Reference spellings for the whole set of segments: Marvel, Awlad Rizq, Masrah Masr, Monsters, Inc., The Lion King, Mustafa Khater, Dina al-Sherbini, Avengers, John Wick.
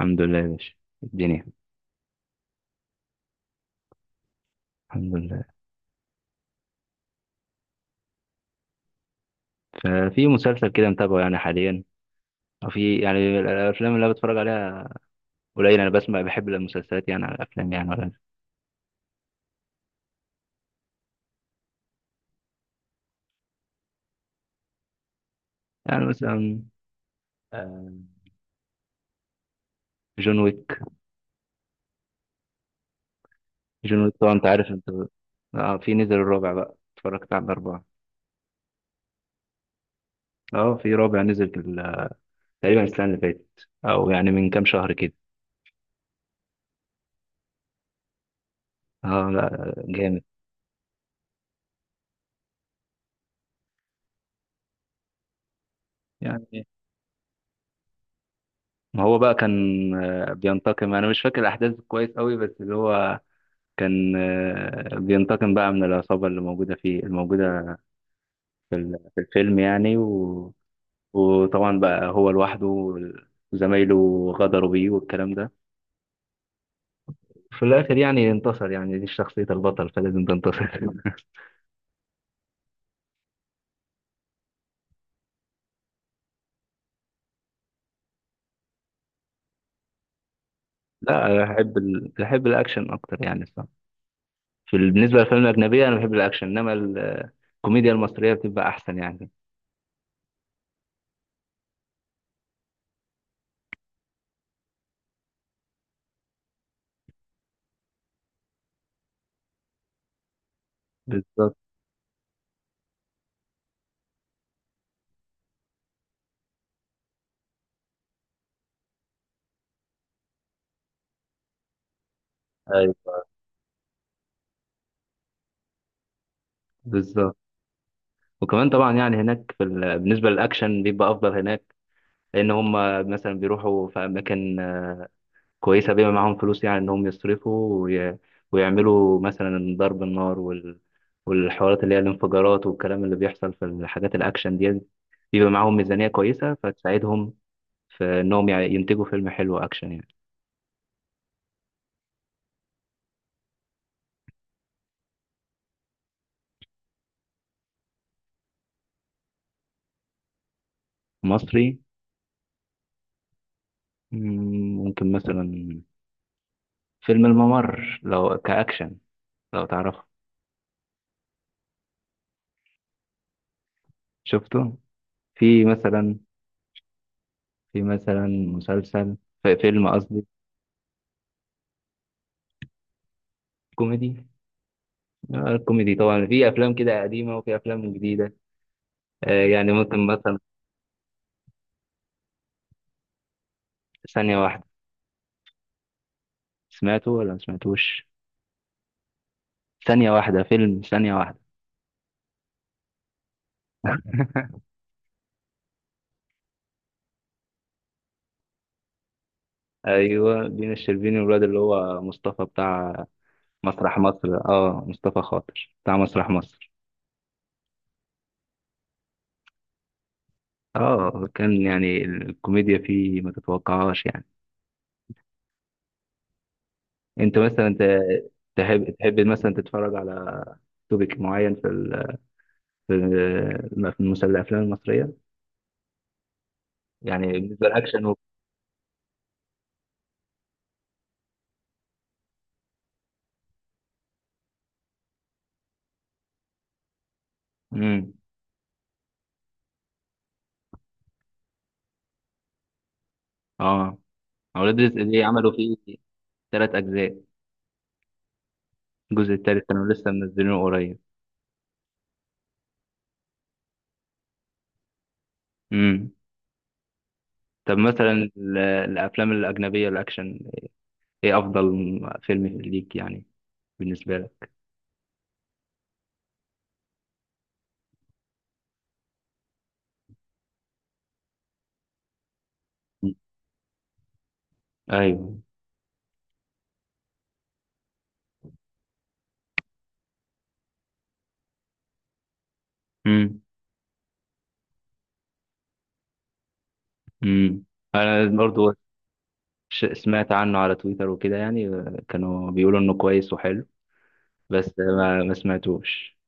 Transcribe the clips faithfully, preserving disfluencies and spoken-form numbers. الحمد لله يا باشا. الدنيا. الحمد لله. ففي مسلسل كده متابعه يعني حاليا، أو في يعني الافلام اللي أنا بتفرج عليها قليل. انا بسمع بحب المسلسلات يعني على الافلام يعني ولا. يعني مثلا، آه، جون ويك. جون ويك طبعا انت عارف انت. اه، في نزل الرابع بقى، اتفرجت على الاربعه. اه، في رابع نزل في ال- تقريبا السنه اللي فاتت او يعني من كام شهر كده. اه لا جامد. يعني ما هو بقى كان آه، بينتقم. انا مش فاكر الاحداث كويس قوي، بس اللي هو كان آه، بينتقم بقى من العصابة اللي موجودة في الموجودة في ال- في الفيلم يعني و... وطبعا بقى هو لوحده وال- وزمايله غدروا بيه والكلام ده. في الآخر يعني انتصر، يعني دي شخصية البطل فلازم تنتصر. لا أنا بحب ال... بحب الأكشن أكتر يعني الصراحة. في ال- بالنسبة للأفلام الأجنبية أنا بحب الأكشن، إنما ال- الكوميديا المصرية بتبقى أحسن يعني. بالظبط. أيوه، بالظبط. وكمان طبعا يعني هناك في ال... بالنسبة للأكشن بيبقى أفضل هناك، لان هم مثلا بيروحوا في اماكن آه، كويسه، بيبقى معاهم فلوس يعني انهم يصرفوا وي... ويعملوا مثلا ضرب النار وال... والحوارات اللي هي الانفجارات والكلام اللي بيحصل في الحاجات الاكشن دي. بيبقى معاهم ميزانيه كويسه فتساعدهم في انهم يع- ينتجوا فيلم حلو اكشن يعني. مصري. مم، ممكن مثلا فيلم الممر لو كاكشن، لو تعرفه. شفته. في مثلا في مثلا مسلسل. في فيلم قصدي. كوميدي. آه، الكوميدي طبعا في افلام كده قديمه وفي افلام جديده. آه، يعني ممكن مثلا. ثانيه واحده. سمعته ولا ما سمعتوش؟ ثانيه واحده، فيلم ثانيه واحده. ايوه، دينا الشربيني والواد اللي هو مصطفى بتاع مسرح مصر. اه، مصطفى خاطر بتاع مسرح مصر. اه، كان يعني الكوميديا فيه ما تتوقعهاش يعني. انت مثلا ت- تحب تحب مثلا تتفرج على توبيك معين في ال... في ال- في المسلسل الافلام المصريه؟ يعني بالنسبه للاكشن و... مم. اه، أولاد رزق دي عملوا فيه تلات أجزاء. الجزء التالت كانوا لسه منزلينه قريب. امم. طب مثلا ال- الأفلام الأجنبية الأكشن، إيه أفضل فيلم ليك يعني بالنسبة لك؟ مم. أيوه. امم. امم، أنا برضو ش- سمعت عنه على تويتر وكده، يعني آه، كانوا بيقولوا إنه كويس وحلو، بس ما ما سمعتوش.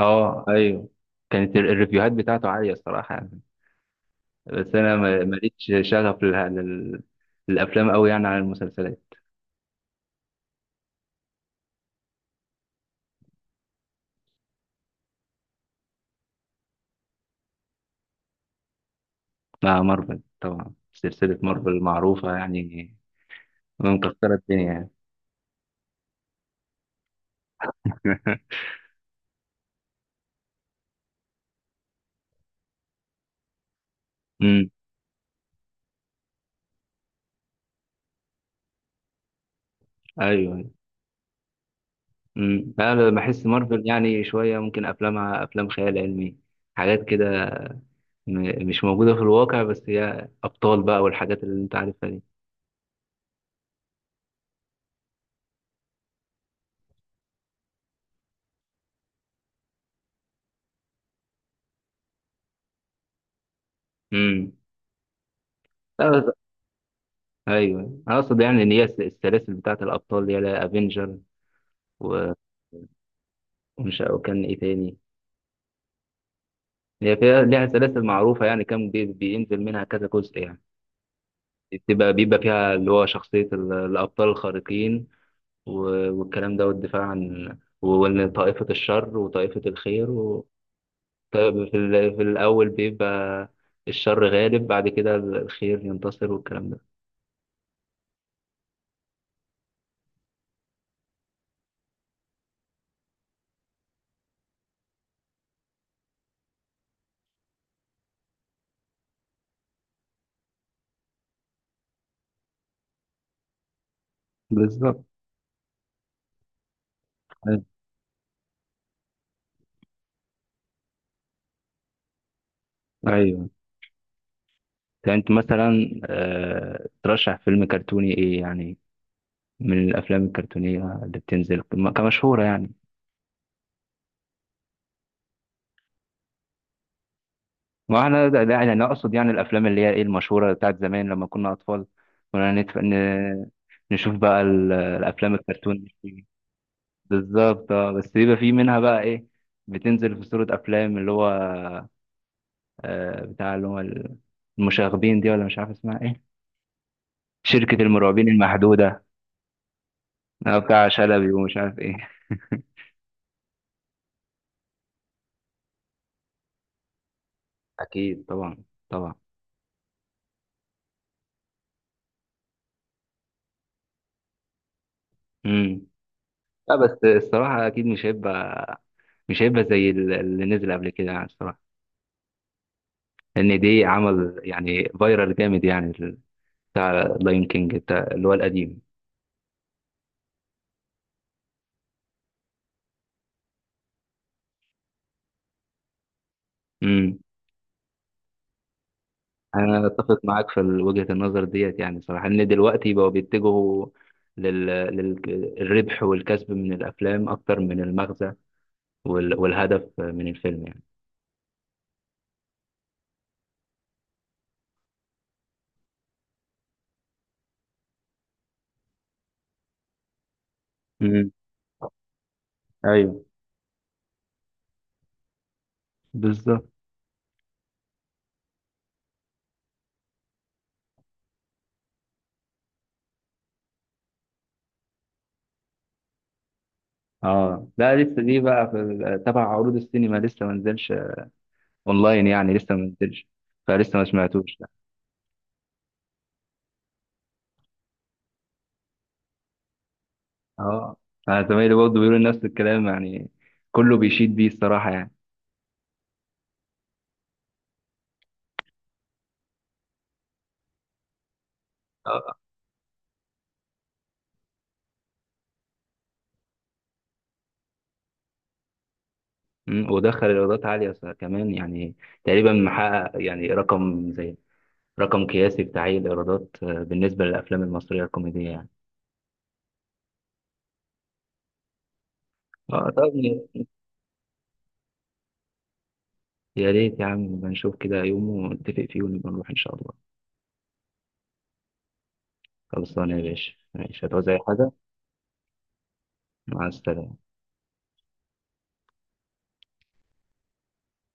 أه، أيوه. كانت ال- الريفيوهات بتاعته عالية الصراحة يعني، بس أنا ما- ماليش شغف لل- لل- للأفلام أوي يعني عن المسلسلات. لا، مارفل طبعا، سلسلة مارفل معروفة يعني، مكسرة الدنيا يعني. امم. ايوه. امم. لا أنا بحس مارفل يعني شوية ممكن افلامها افلام خيال علمي، حاجات كده م- مش موجودة في الواقع، بس هي ابطال بقى والحاجات اللي انت عارفها دي. امم. لا بس- ايوه، انا اقصد يعني ان هي الس- السلاسل بتاعت الابطال اللي هي افنجر ومش، وكان ايه تاني، هي فيها ليها سلاسل معروفة يعني، كان بي- بينزل منها كذا جزء يعني. بتبقى بيبقى فيها اللي هو شخصية ال- الأبطال الخارقين و- والكلام ده والدفاع عن وإن طائفة الشر وطائفة الخير و... طيب، في, ال... في الأول بيبقى الشر غالب، بعد كده ال- الخير ينتصر والكلام ده. بالظبط. أيوه. أيوه. يعني أنت مثلا آه، ترشح فيلم كرتوني إيه يعني، من الأفلام الكرتونية اللي بتنزل ك- كمشهورة يعني؟ ما احنا ده, ده يعني انا اقصد يعني الافلام اللي هي ايه المشهوره بتاعت زمان لما كنا اطفال، كنا نتف... ن... نشوف بقى ال- الافلام الكرتون دي. بالظبط، اه، بس بيبقى في منها بقى ايه، بتنزل في صوره افلام اللي هو، آه بتاع اللي هو ال- المشاغبين دي، ولا مش عارف اسمها ايه، شركه المرعبين المحدوده، اه بتاع شلبي ومش عارف ايه. اكيد طبعا. طبعا. امم. لا بس الصراحه اكيد مش هيبقى، مش هيبقى زي ال- اللي نزل قبل كده يعني، الصراحه ان دي عمل يعني فايرال جامد يعني ال- بتاع لاين كينج بتاع اللي هو القديم. امم. انا اتفق معاك في ال- وجهة النظر ديت يعني، صراحة ان دلوقتي بقوا بيتجهوا للربح والكسب من الافلام اكتر من المغزى وال- والهدف من الفيلم يعني. امم. ايوه. بالظبط. اه لا، لسه دي بقى في ال- تبع عروض السينما لسه ما نزلش اونلاين يعني، لسه ما نزلش، فلسه ما سمعتوش. اه، انا زمايلي برضه بيقولوا نفس الكلام يعني، كله بيشيد بيه الصراحه يعني. اه. أمم، ودخل ايرادات عاليه ص- كمان يعني، تقريبا محقق يعني رقم زي رقم قياسي في تعيين الايرادات، آه، بالنسبه للافلام المصريه الكوميديه يعني. اه طب، يا ريت يا عم نبقى نشوف كده يوم ونتفق فيه ونبقى نروح ان شاء الله. خلصانه يا باشا، ماشي هتعوز اي حاجه. مع السلامه.